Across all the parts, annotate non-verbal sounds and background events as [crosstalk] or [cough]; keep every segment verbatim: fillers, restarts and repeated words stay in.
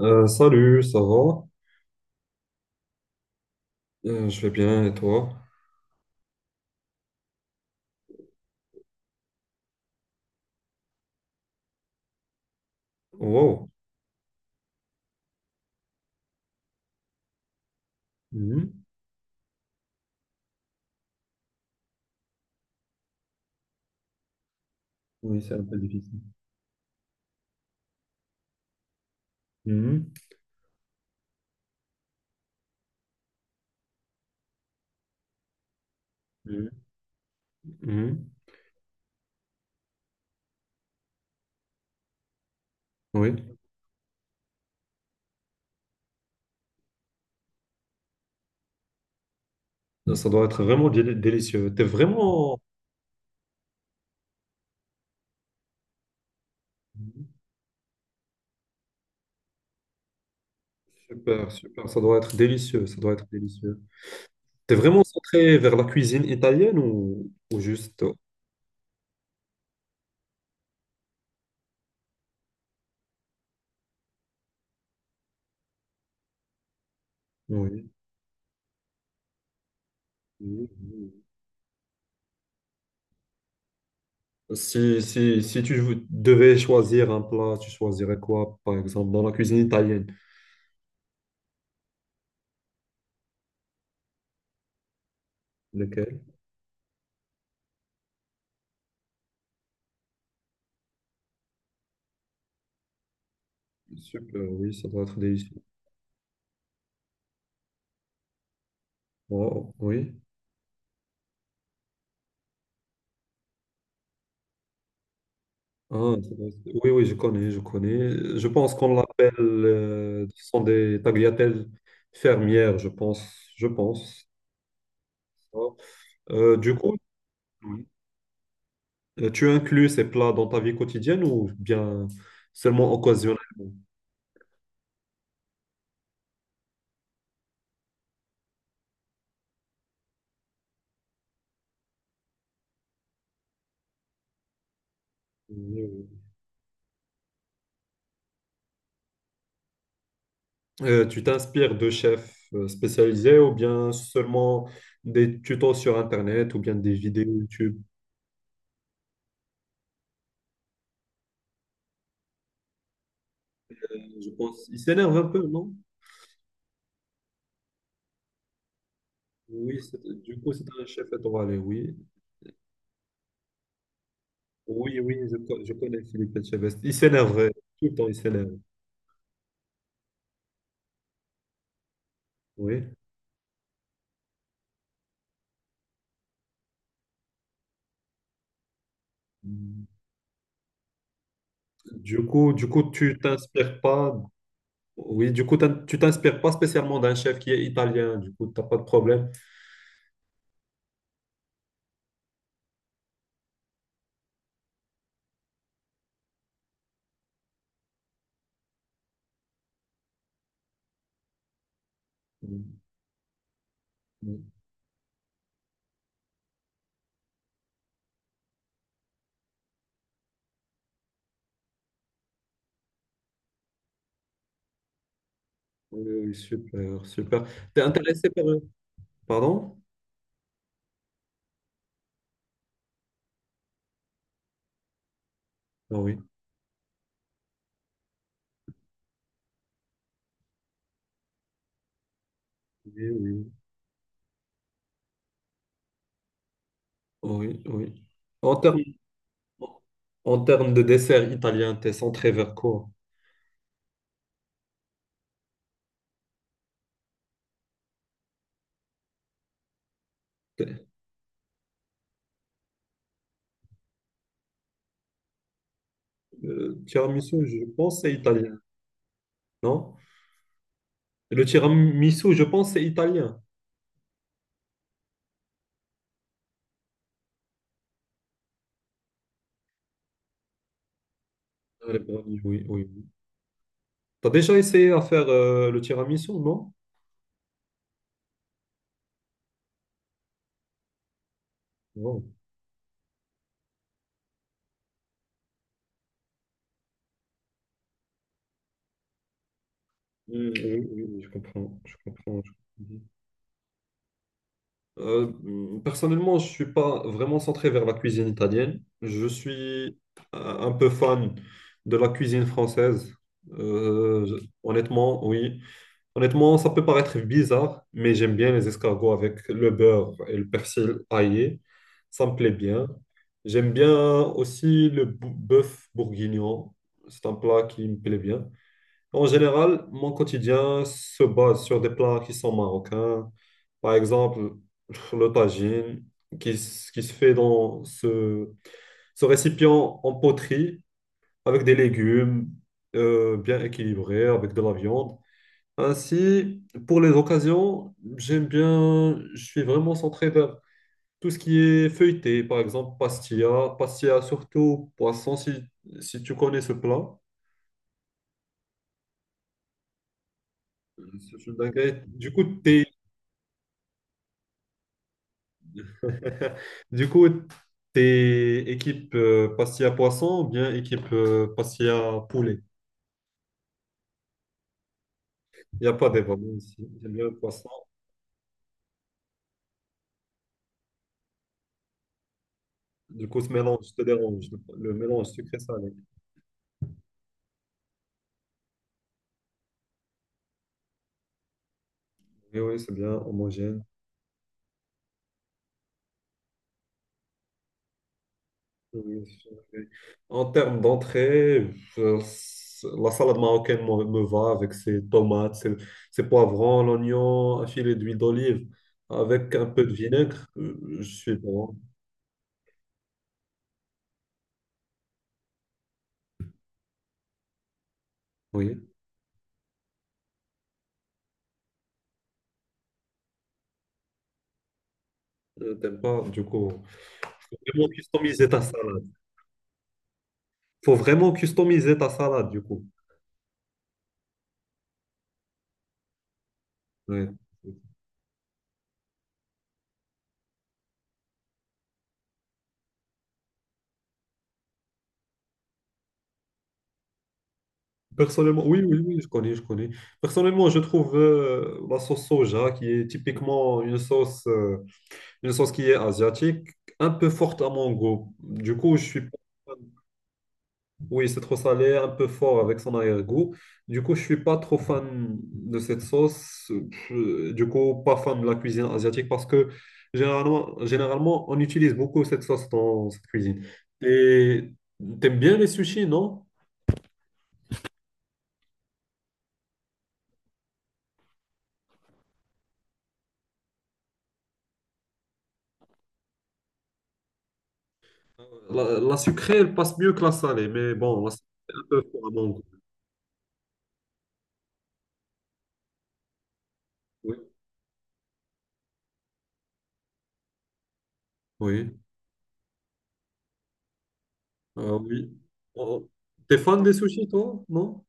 Euh, salut, ça va? Euh, je vais bien, et toi? Wow. Mhm. Oui, c'est un peu difficile. Mhm. Mhm. Mhm. Oui, ça doit être vraiment déli- délicieux. T'es vraiment. Mhm. Super, super. Ça doit être délicieux. Ça doit être délicieux. T'es vraiment centré vers la cuisine italienne, ou, ou juste. Oui. Oui, oui. Si, si, si tu vou- devais choisir un plat, tu choisirais quoi, par exemple, dans la cuisine italienne? Lequel? Super, oui, ça doit être délicieux. Wow, oui. Ah, oui, oui, je connais, je connais. Je pense qu'on l'appelle, euh, ce sont des tagliatelles fermières, je pense, je pense. Euh, du coup, oui. Euh, tu inclus ces plats dans ta vie quotidienne ou bien seulement occasionnellement? Oui, oui. Euh, tu t'inspires de chefs euh, spécialisés ou bien seulement des tutos sur Internet ou bien des vidéos YouTube? Euh, Je pense, il s'énerve un peu, non? Oui, c'est- du coup, c'est un chef étoilé, oui. Oui, oui, je, co- je connais Philippe Etchebest. Il s'énerve, euh, tout le temps il s'énerve. Oui. Du coup, du coup, tu t'inspires pas. Oui, du coup, t'in- tu t'inspires pas spécialement d'un chef qui est italien. Du coup, t'as pas de problème. Mm, mm. Oui, oui, super, super. T'es intéressé par eux? Pardon? Ah oui, oui, oui, oui, oui. En termes, en termes de dessert italien, t'es centré vers quoi? Le tiramisu, je pense c'est italien, non? Le tiramisu, je pense c'est italien. Ah, les brownies, oui, oui. T'as déjà essayé à faire euh, le tiramisu, non? Wow. Mm, oui, oui, je comprends, je comprends, je comprends. Euh, Personnellement, je suis pas vraiment centré vers la cuisine italienne. Je suis euh, un peu fan de la cuisine française. Euh, je- Honnêtement, oui. Honnêtement, ça peut paraître bizarre, mais j'aime bien les escargots avec le beurre et le persil aillé. Ça me plaît bien. J'aime bien aussi le bou- bœuf bourguignon. C'est un plat qui me plaît bien. En général, mon quotidien se base sur des plats qui sont marocains. Par exemple, le tagine qui, s- qui se fait dans ce, ce récipient en poterie avec des légumes euh, bien équilibrés, avec de la viande. Ainsi, pour les occasions, j'aime bien, je suis vraiment centré vers tout ce qui est feuilleté, par exemple pastilla, pastilla surtout poisson, si, si tu connais ce plat. C'est une dinguerie. Du coup, tu [laughs] Du coup, t'es équipe euh, pastilla poisson ou bien équipe euh, pastilla poulet? Il n'y a pas débat, moi aussi. J'aime bien le poisson. Du coup, ce mélange te dérange, le, le mélange sucré-salé. Oui, oui, c'est bien homogène. Oui, oui, c'est. En termes d'entrée, euh, c- la salade marocaine me, me va avec ses tomates, ses, ses poivrons, l'oignon, un filet d'huile d'olive avec un peu de vinaigre. Euh, Je suis bon. Oui. Euh, t'aimes pas, du coup. Faut vraiment customiser ta salade. Faut vraiment customiser ta salade, du coup. Ouais. Personnellement, oui, oui, oui, je connais, je connais. Personnellement, je trouve euh, la sauce soja, qui est typiquement une sauce, euh, une sauce qui est asiatique, un peu forte à mon goût. Du coup, je suis pas. Oui, c'est trop salé, un peu fort avec son arrière-goût. Du coup, je suis pas trop fan de cette sauce. Je- Du coup, pas fan de la cuisine asiatique parce que généralement, généralement on utilise beaucoup cette sauce dans cette cuisine. Et t'aimes bien les sushis, non? La, la sucrée, elle passe mieux que la salée, mais bon, la salée, c'est un peu fort à mon goût. Oui, oui. Euh, oui. Oh, t'es fan des sushis, toi? Non?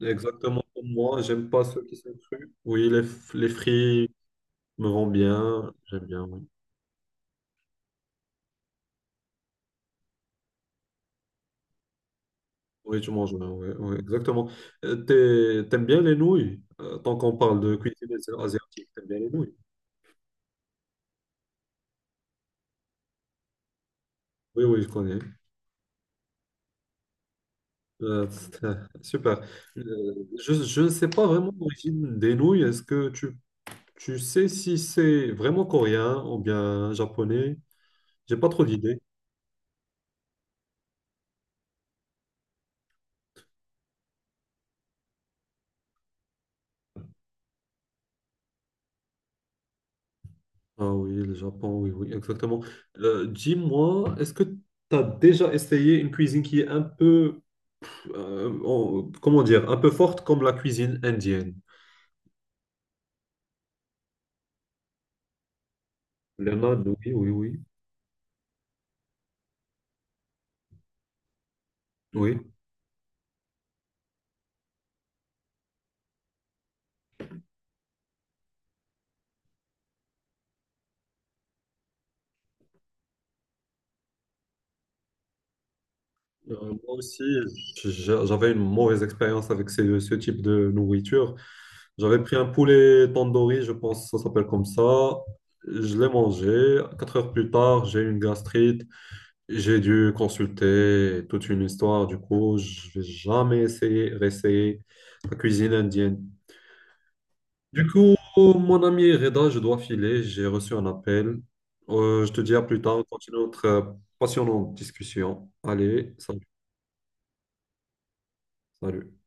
Exactement comme moi, j'aime pas ceux qui sont crus. Oui, les, f- les frits me rend bien, j'aime bien, oui. Oui, tu manges bien, oui, oui, exactement. Euh, t'es- T'aimes bien les nouilles? Euh, tant qu'on parle de cuisine asiatique, t'aimes bien les nouilles? Oui, oui, je connais. Euh, [laughs] super. Euh, je, je ne sais pas vraiment l'origine des nouilles. Est-ce que tu, tu sais si c'est vraiment coréen ou bien japonais? J'ai pas trop d'idées. Ah oui, le Japon, oui, oui, exactement. Euh, dis-moi, est-ce que tu as déjà essayé une cuisine qui est un peu euh, en- comment dire, un peu forte comme la cuisine indienne. Les naans, oui, oui, oui, oui. Euh, moi aussi, j'a- j'avais une mauvaise expérience avec ce, ce type de nourriture. J'avais pris un poulet tandoori, je pense que ça s'appelle comme ça. Je l'ai mangé. Quatre heures plus tard, j'ai eu une gastrite. J'ai dû consulter toute une histoire. Du coup, je vais jamais essayer, réessayer la cuisine indienne. Du coup, mon ami Reda, je dois filer, j'ai reçu un appel. Euh, je te dis à plus tard, on continue notre euh, passionnante discussion. Allez, salut, salut.